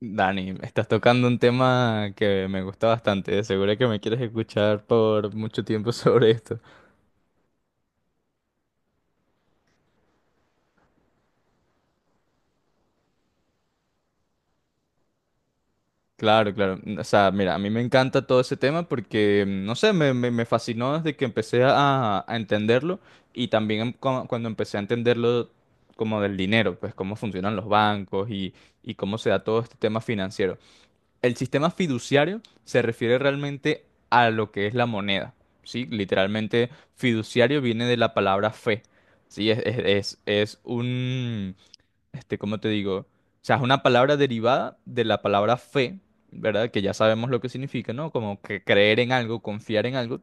Dani, estás tocando un tema que me gusta bastante. De seguro que me quieres escuchar por mucho tiempo sobre esto. Claro, claro. O sea, mira, a mí me encanta todo ese tema porque, no sé, me fascinó desde que empecé a entenderlo y también cuando empecé a entenderlo como del dinero, pues cómo funcionan los bancos y cómo se da todo este tema financiero. El sistema fiduciario se refiere realmente a lo que es la moneda, ¿sí? Literalmente, fiduciario viene de la palabra fe, ¿sí? Es un, ¿cómo te digo? O sea, es una palabra derivada de la palabra fe, ¿verdad? Que ya sabemos lo que significa, ¿no? Como que creer en algo, confiar en algo.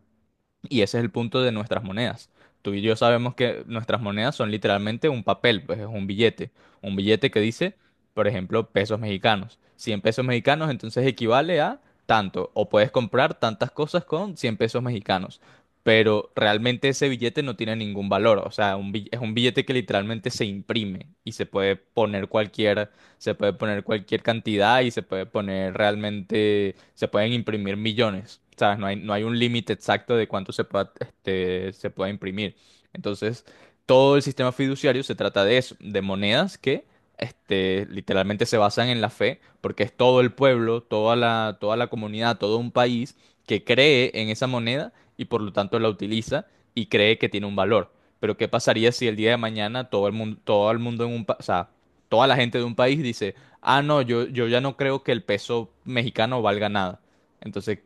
Y ese es el punto de nuestras monedas. Tú y yo sabemos que nuestras monedas son literalmente un papel, pues es un billete. Un billete que dice, por ejemplo, pesos mexicanos. Cien pesos mexicanos entonces equivale a tanto. O puedes comprar tantas cosas con 100 pesos mexicanos. Pero realmente ese billete no tiene ningún valor. O sea, es un billete que literalmente se imprime y se puede poner cualquier cantidad y se puede poner realmente, se pueden imprimir millones, ¿sabes? No hay un límite exacto de cuánto se pueda imprimir. Entonces, todo el sistema fiduciario se trata de eso, de monedas que literalmente se basan en la fe, porque es todo el pueblo, toda la comunidad, todo un país que cree en esa moneda y por lo tanto la utiliza y cree que tiene un valor. Pero ¿qué pasaría si el día de mañana todo el mundo en un país, o sea, toda la gente de un país dice, ah, no, yo ya no creo que el peso mexicano valga nada. Entonces,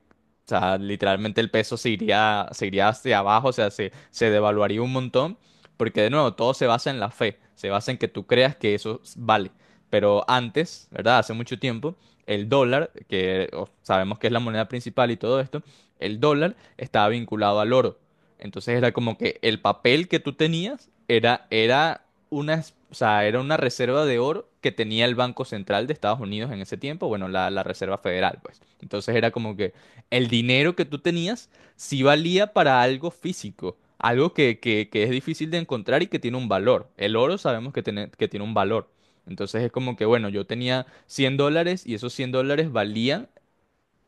o sea, literalmente el peso se iría hacia abajo, o sea, se devaluaría un montón, porque de nuevo, todo se basa en la fe, se basa en que tú creas que eso vale. Pero antes, ¿verdad? Hace mucho tiempo, el dólar, sabemos que es la moneda principal y todo esto, el dólar estaba vinculado al oro. Entonces era como que el papel que tú tenías era, era una, es- o sea, era una reserva de oro que tenía el Banco Central de Estados Unidos en ese tiempo, bueno, la Reserva Federal, pues. Entonces era como que el dinero que tú tenías sí valía para algo físico, algo que es difícil de encontrar y que tiene un valor. El oro sabemos que tiene un valor. Entonces es como que, bueno, yo tenía 100 dólares y esos 100 dólares valían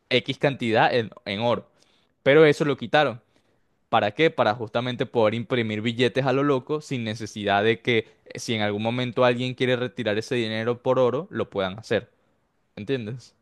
X cantidad en oro, pero eso lo quitaron. ¿Para qué? Para justamente poder imprimir billetes a lo loco sin necesidad de que si en algún momento alguien quiere retirar ese dinero por oro, lo puedan hacer. ¿Entiendes?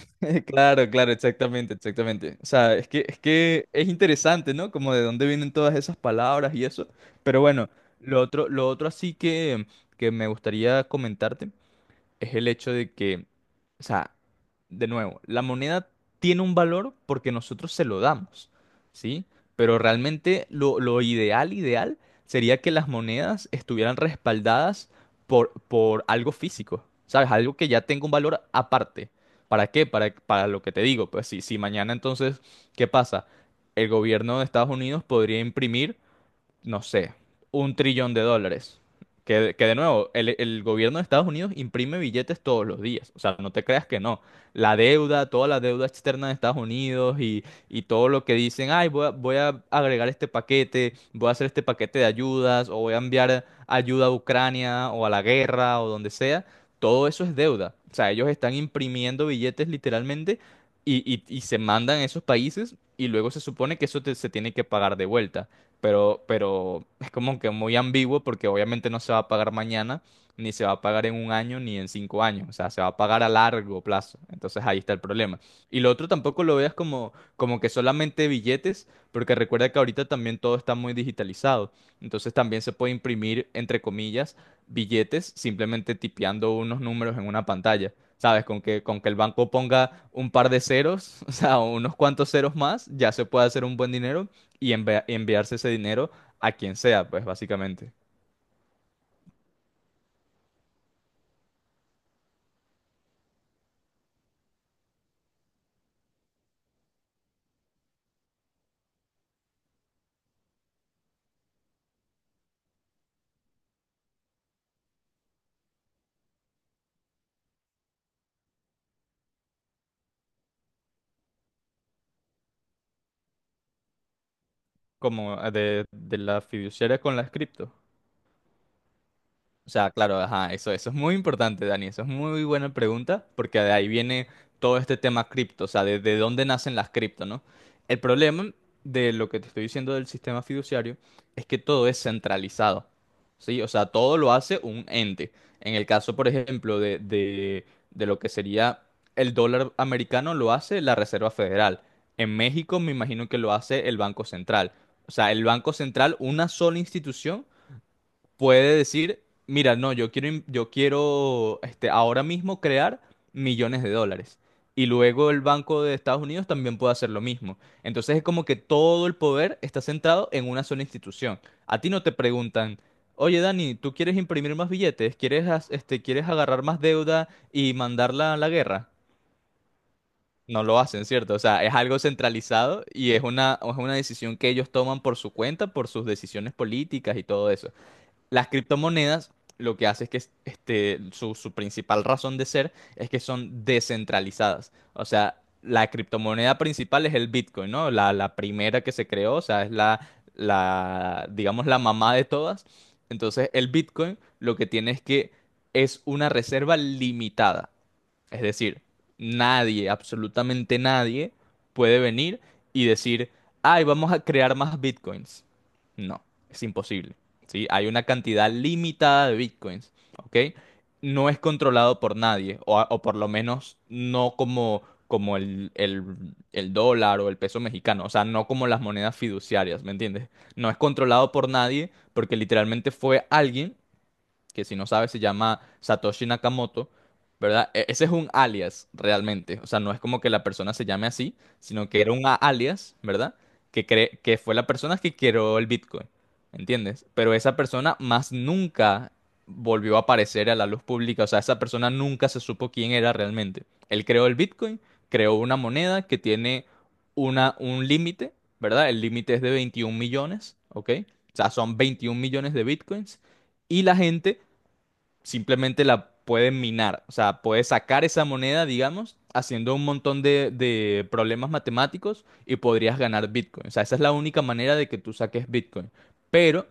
Claro, claro, exactamente, exactamente. O sea, es que es interesante, ¿no? Como de dónde vienen todas esas palabras y eso. Pero bueno, lo otro así que me gustaría comentarte es el hecho de que, o sea, de nuevo, la moneda tiene un valor porque nosotros se lo damos, ¿sí? Pero realmente lo ideal, ideal, sería que las monedas estuvieran respaldadas por algo físico, ¿sabes? Algo que ya tenga un valor aparte. ¿Para qué? Para lo que te digo. Pues si mañana entonces, ¿qué pasa? El gobierno de Estados Unidos podría imprimir no sé, un trillón de dólares. Que de nuevo, el gobierno de Estados Unidos imprime billetes todos los días. O sea, no te creas que no. La deuda, toda la deuda externa de Estados Unidos y todo lo que dicen, ay, voy a agregar este paquete, voy a hacer este paquete de ayudas o voy a enviar ayuda a Ucrania o a la guerra o donde sea. Todo eso es deuda. O sea, ellos están imprimiendo billetes literalmente y se mandan a esos países y luego se supone que eso se tiene que pagar de vuelta pero es como que muy ambiguo porque obviamente no se va a pagar mañana, ni se va a pagar en un año, ni en 5 años, o sea, se va a pagar a largo plazo, entonces ahí está el problema. Y lo otro tampoco lo veas como que solamente billetes, porque recuerda que ahorita también todo está muy digitalizado, entonces también se puede imprimir, entre comillas, billetes simplemente tipeando unos números en una pantalla. ¿Sabes? Con que el banco ponga un par de ceros, o sea, unos cuantos ceros más, ya se puede hacer un buen dinero y enviarse ese dinero a quien sea, pues básicamente, como de las fiduciarias con las cripto. O sea, claro, ajá, eso es muy importante, Dani. Eso es muy buena pregunta, porque de ahí viene todo este tema cripto, o sea, de dónde nacen las cripto, ¿no? El problema de lo que te estoy diciendo del sistema fiduciario es que todo es centralizado, ¿sí? O sea, todo lo hace un ente. En el caso, por ejemplo, de lo que sería el dólar americano, lo hace la Reserva Federal. En México, me imagino que lo hace el Banco Central. O sea, el Banco Central, una sola institución puede decir, mira, no, yo quiero ahora mismo crear millones de dólares. Y luego el Banco de Estados Unidos también puede hacer lo mismo. Entonces es como que todo el poder está centrado en una sola institución. A ti no te preguntan, oye Dani, ¿tú quieres imprimir más billetes? ¿Quieres agarrar más deuda y mandarla a la guerra? No lo hacen, ¿cierto? O sea, es algo centralizado y es una decisión que ellos toman por su cuenta, por sus decisiones políticas y todo eso. Las criptomonedas lo que hace es que su principal razón de ser es que son descentralizadas. O sea, la criptomoneda principal es el Bitcoin, ¿no? La primera que se creó, o sea, es la, digamos, la mamá de todas. Entonces, el Bitcoin lo que tiene es que es una reserva limitada. Es decir, nadie, absolutamente nadie, puede venir y decir, ay, vamos a crear más bitcoins. No, es imposible. ¿Sí? Hay una cantidad limitada de bitcoins, ¿ok? No es controlado por nadie, o por lo menos no como el dólar o el peso mexicano, o sea, no como las monedas fiduciarias, ¿me entiendes? No es controlado por nadie porque literalmente fue alguien que si no sabes se llama Satoshi Nakamoto, ¿verdad? Ese es un alias realmente, o sea, no es como que la persona se llame así, sino que era un alias, ¿verdad? Que fue la persona que creó el Bitcoin, ¿entiendes? Pero esa persona más nunca volvió a aparecer a la luz pública, o sea, esa persona nunca se supo quién era realmente. Él creó el Bitcoin, creó una moneda que tiene un límite, ¿verdad? El límite es de 21 millones, ¿ok? O sea, son 21 millones de Bitcoins y la gente simplemente la pueden minar. O sea, puedes sacar esa moneda, digamos, haciendo un montón de problemas matemáticos y podrías ganar Bitcoin. O sea, esa es la única manera de que tú saques Bitcoin. Pero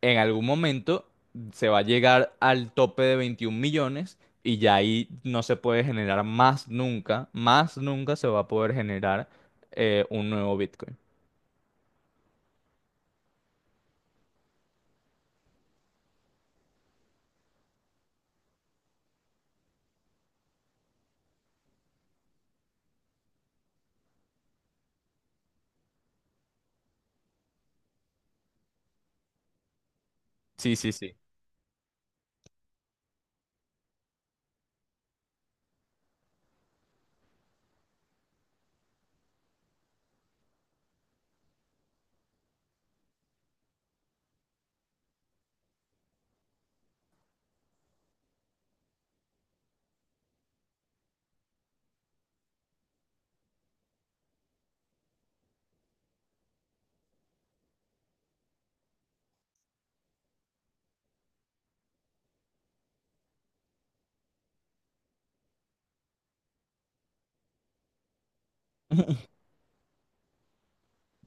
en algún momento se va a llegar al tope de 21 millones y ya ahí no se puede generar más nunca se va a poder generar un nuevo Bitcoin. Sí, sí, sí.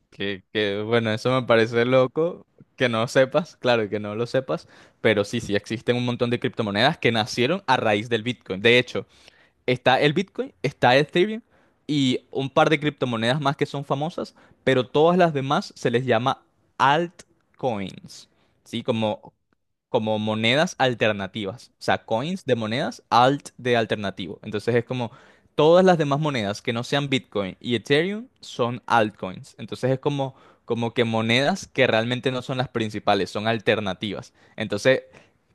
Que, bueno, eso me parece loco que no sepas, claro, que no lo sepas, pero sí, sí existen un montón de criptomonedas que nacieron a raíz del Bitcoin. De hecho, está el Bitcoin, está Ethereum y un par de criptomonedas más que son famosas, pero todas las demás se les llama altcoins, ¿sí? Como monedas alternativas, o sea, coins de monedas, alt de alternativo. Entonces es como todas las demás monedas que no sean Bitcoin y Ethereum son altcoins. Entonces es como, que monedas que realmente no son las principales, son alternativas. Entonces,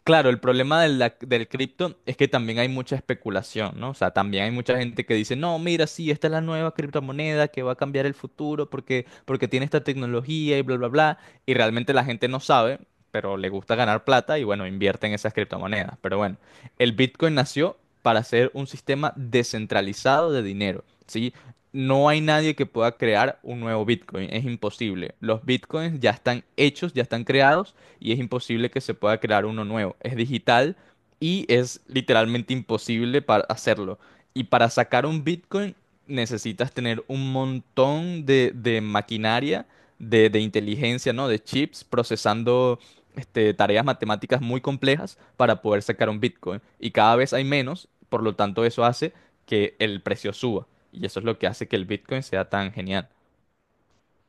claro, el problema de del cripto es que también hay mucha especulación, ¿no? O sea, también hay mucha gente que dice, no, mira, sí, esta es la nueva criptomoneda que va a cambiar el futuro porque tiene esta tecnología y bla, bla, bla. Y realmente la gente no sabe pero le gusta ganar plata y bueno, invierte en esas criptomonedas. Pero bueno, el Bitcoin nació para ser un sistema descentralizado de dinero, ¿sí? No hay nadie que pueda crear un nuevo Bitcoin, es imposible. Los Bitcoins ya están hechos, ya están creados y es imposible que se pueda crear uno nuevo. Es digital y es literalmente imposible para hacerlo. Y para sacar un Bitcoin necesitas tener un montón de maquinaria, de inteligencia, ¿no? De chips procesando tareas matemáticas muy complejas para poder sacar un Bitcoin. Y cada vez hay menos, por lo tanto eso hace que el precio suba. Y eso es lo que hace que el Bitcoin sea tan genial.